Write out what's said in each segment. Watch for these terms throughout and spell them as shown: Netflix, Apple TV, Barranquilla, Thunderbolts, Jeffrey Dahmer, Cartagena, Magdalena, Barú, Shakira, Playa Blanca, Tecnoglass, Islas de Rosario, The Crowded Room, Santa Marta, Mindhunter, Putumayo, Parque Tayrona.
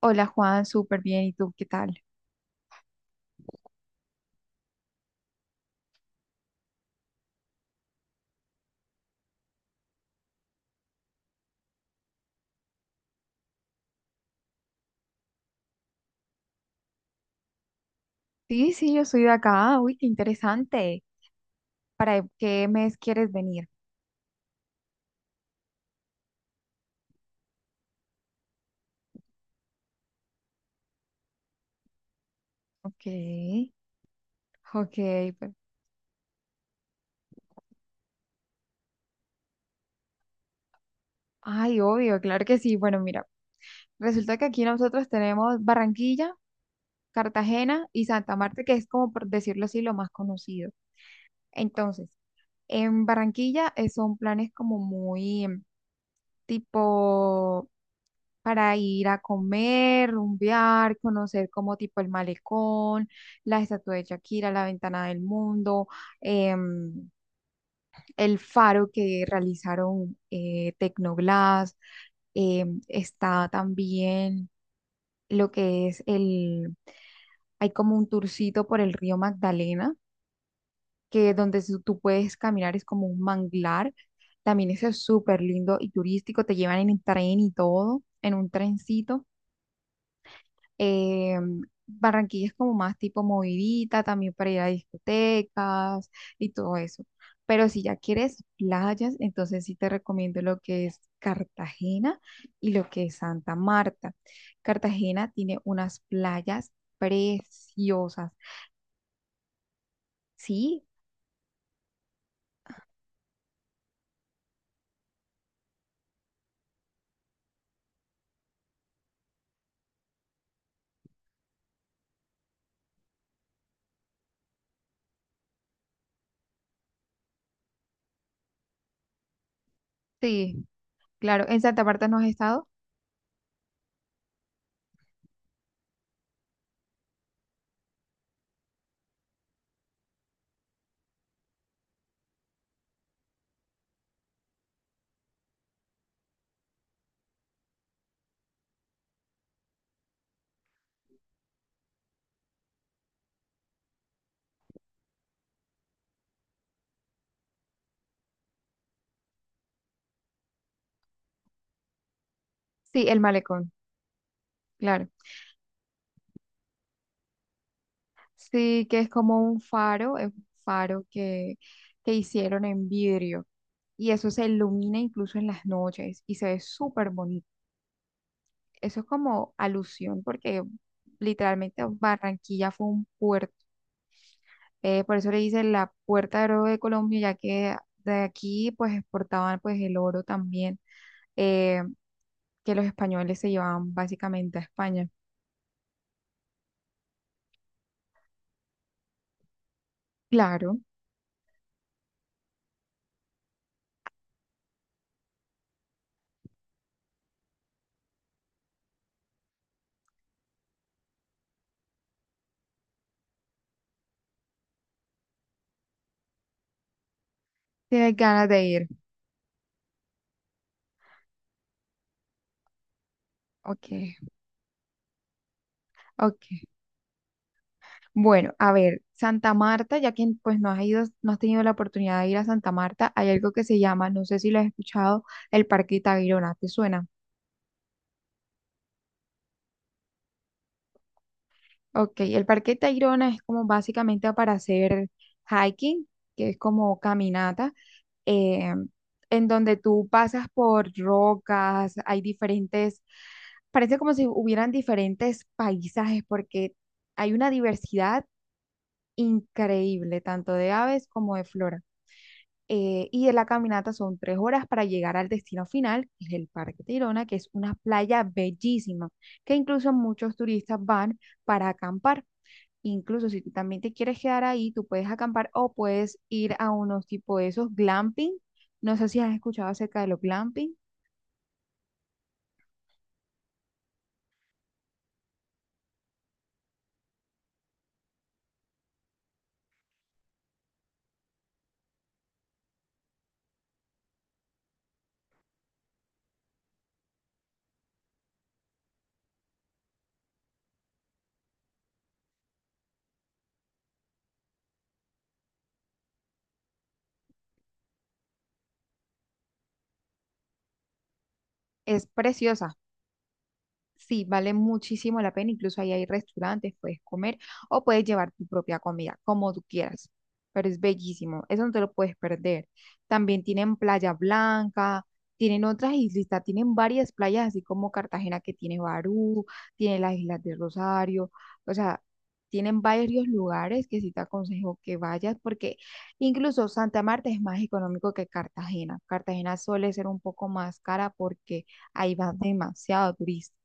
Hola Juan, súper bien. ¿Y tú qué tal? Sí, yo soy de acá. Uy, qué interesante. ¿Para qué mes quieres venir? Ok, ok. per- Ay, obvio, claro que sí. Bueno, mira, resulta que aquí nosotros tenemos Barranquilla, Cartagena y Santa Marta, que es como por decirlo así, lo más conocido. Entonces, en Barranquilla son planes como muy tipo para ir a comer, rumbear, conocer como tipo el malecón, la estatua de Shakira, la ventana del mundo, em, el faro que realizaron, Tecnoglass. Está también lo que es el, hay como un tourcito por el río Magdalena que donde tú puedes caminar, es como un manglar. También eso es súper lindo y turístico. Te llevan en el tren y todo, en un trencito. Eh, Barranquilla es como más tipo movidita, también para ir a discotecas y todo eso. Pero si ya quieres playas, entonces sí te recomiendo lo que es Cartagena y lo que es Santa Marta. Cartagena tiene unas playas preciosas. Sí, sí, claro. ¿En Santa Marta no has estado? Sí, el malecón, claro. Sí, que es como un faro, es un faro que hicieron en vidrio y eso se ilumina incluso en las noches y se ve súper bonito. Eso es como alusión porque literalmente Barranquilla fue un puerto. Por eso le dicen la puerta de oro de Colombia, ya que de aquí pues exportaban pues el oro también, eh, que los españoles se llevaban básicamente a España. Claro, tienes ganas de ir. Ok, ok. Bueno, a ver, Santa Marta, ya que pues no has ido, no has tenido la oportunidad de ir a Santa Marta, hay algo que se llama, no sé si lo has escuchado, el Parque Tayrona, ¿te suena? Ok, el Parque Tayrona es como básicamente para hacer hiking, que es como caminata, eh, en donde tú pasas por rocas, hay diferentes, parece como si hubieran diferentes paisajes, porque hay una diversidad increíble, tanto de aves como de flora. Y de la caminata son tres horas para llegar al destino final, que es el Parque Tayrona, que es una playa bellísima, que incluso muchos turistas van para acampar. Incluso si tú también te quieres quedar ahí, tú puedes acampar o puedes ir a unos tipo de esos glamping. No sé si has escuchado acerca de los glamping. Es preciosa. Sí, vale muchísimo la pena, incluso ahí hay restaurantes, puedes comer o puedes llevar tu propia comida, como tú quieras, pero es bellísimo, eso no te lo puedes perder. También tienen Playa Blanca, tienen otras islitas, tienen varias playas, así como Cartagena que tiene Barú, tiene las Islas de Rosario, o sea, tienen varios lugares que sí te aconsejo que vayas, porque incluso Santa Marta es más económico que Cartagena. Cartagena suele ser un poco más cara porque ahí va demasiado turista,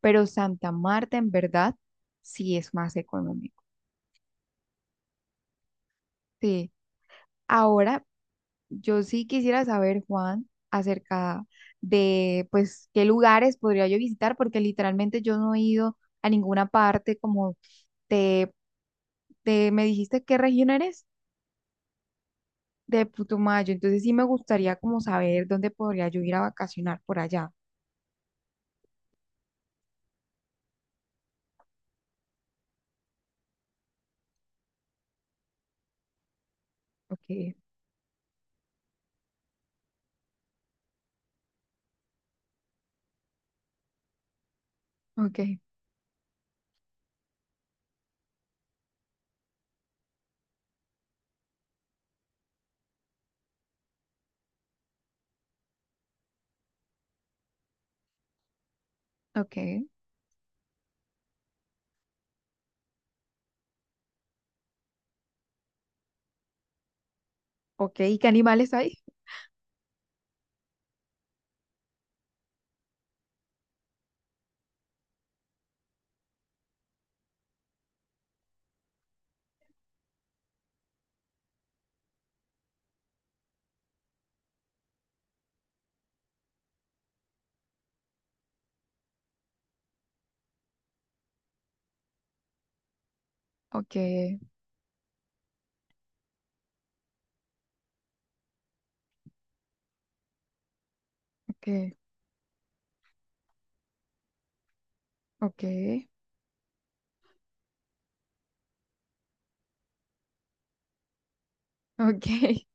pero Santa Marta en verdad sí es más económico. Sí. Ahora, yo sí quisiera saber, Juan, acerca de, pues, qué lugares podría yo visitar, porque literalmente yo no he ido a ninguna parte como te, te me dijiste qué región eres de Putumayo, entonces sí me gustaría como saber dónde podría yo ir a vacacionar por allá. Okay. Okay. Okay. Okay. ¿Y qué animales hay? Okay. Okay. Okay. Okay.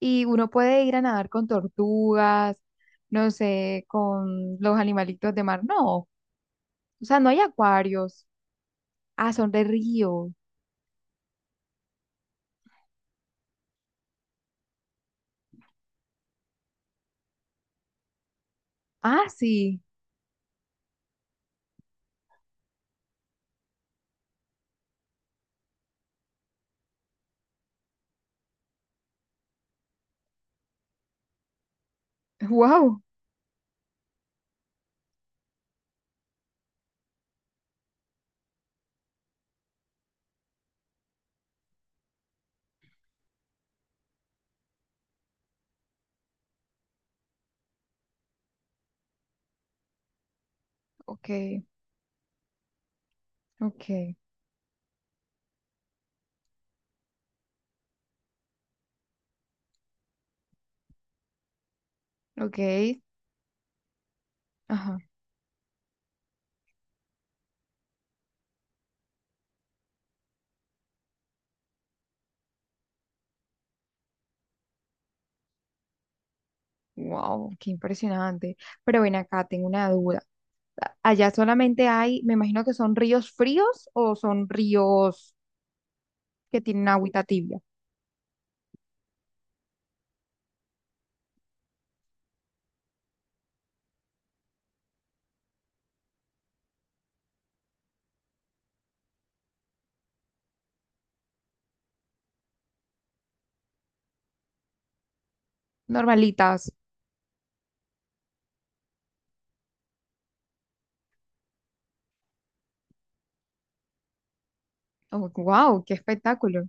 Y uno puede ir a nadar con tortugas, no sé, con los animalitos de mar. No, o sea, no hay acuarios. Ah, son de río. Ah, sí. Wow. Ok, ok, ok. Ajá. Wow, qué impresionante. Pero ven acá, tengo una duda. Allá solamente hay, me imagino que son ríos fríos o son ríos que tienen agüita tibia, normalitas. Oh, wow, qué espectáculo.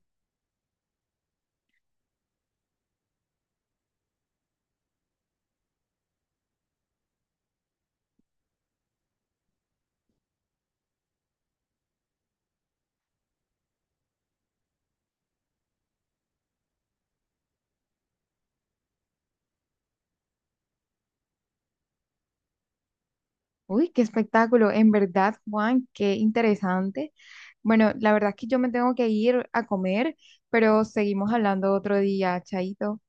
Uy, qué espectáculo. En verdad, Juan, qué interesante. Bueno, la verdad es que yo me tengo que ir a comer, pero seguimos hablando otro día. Chaito.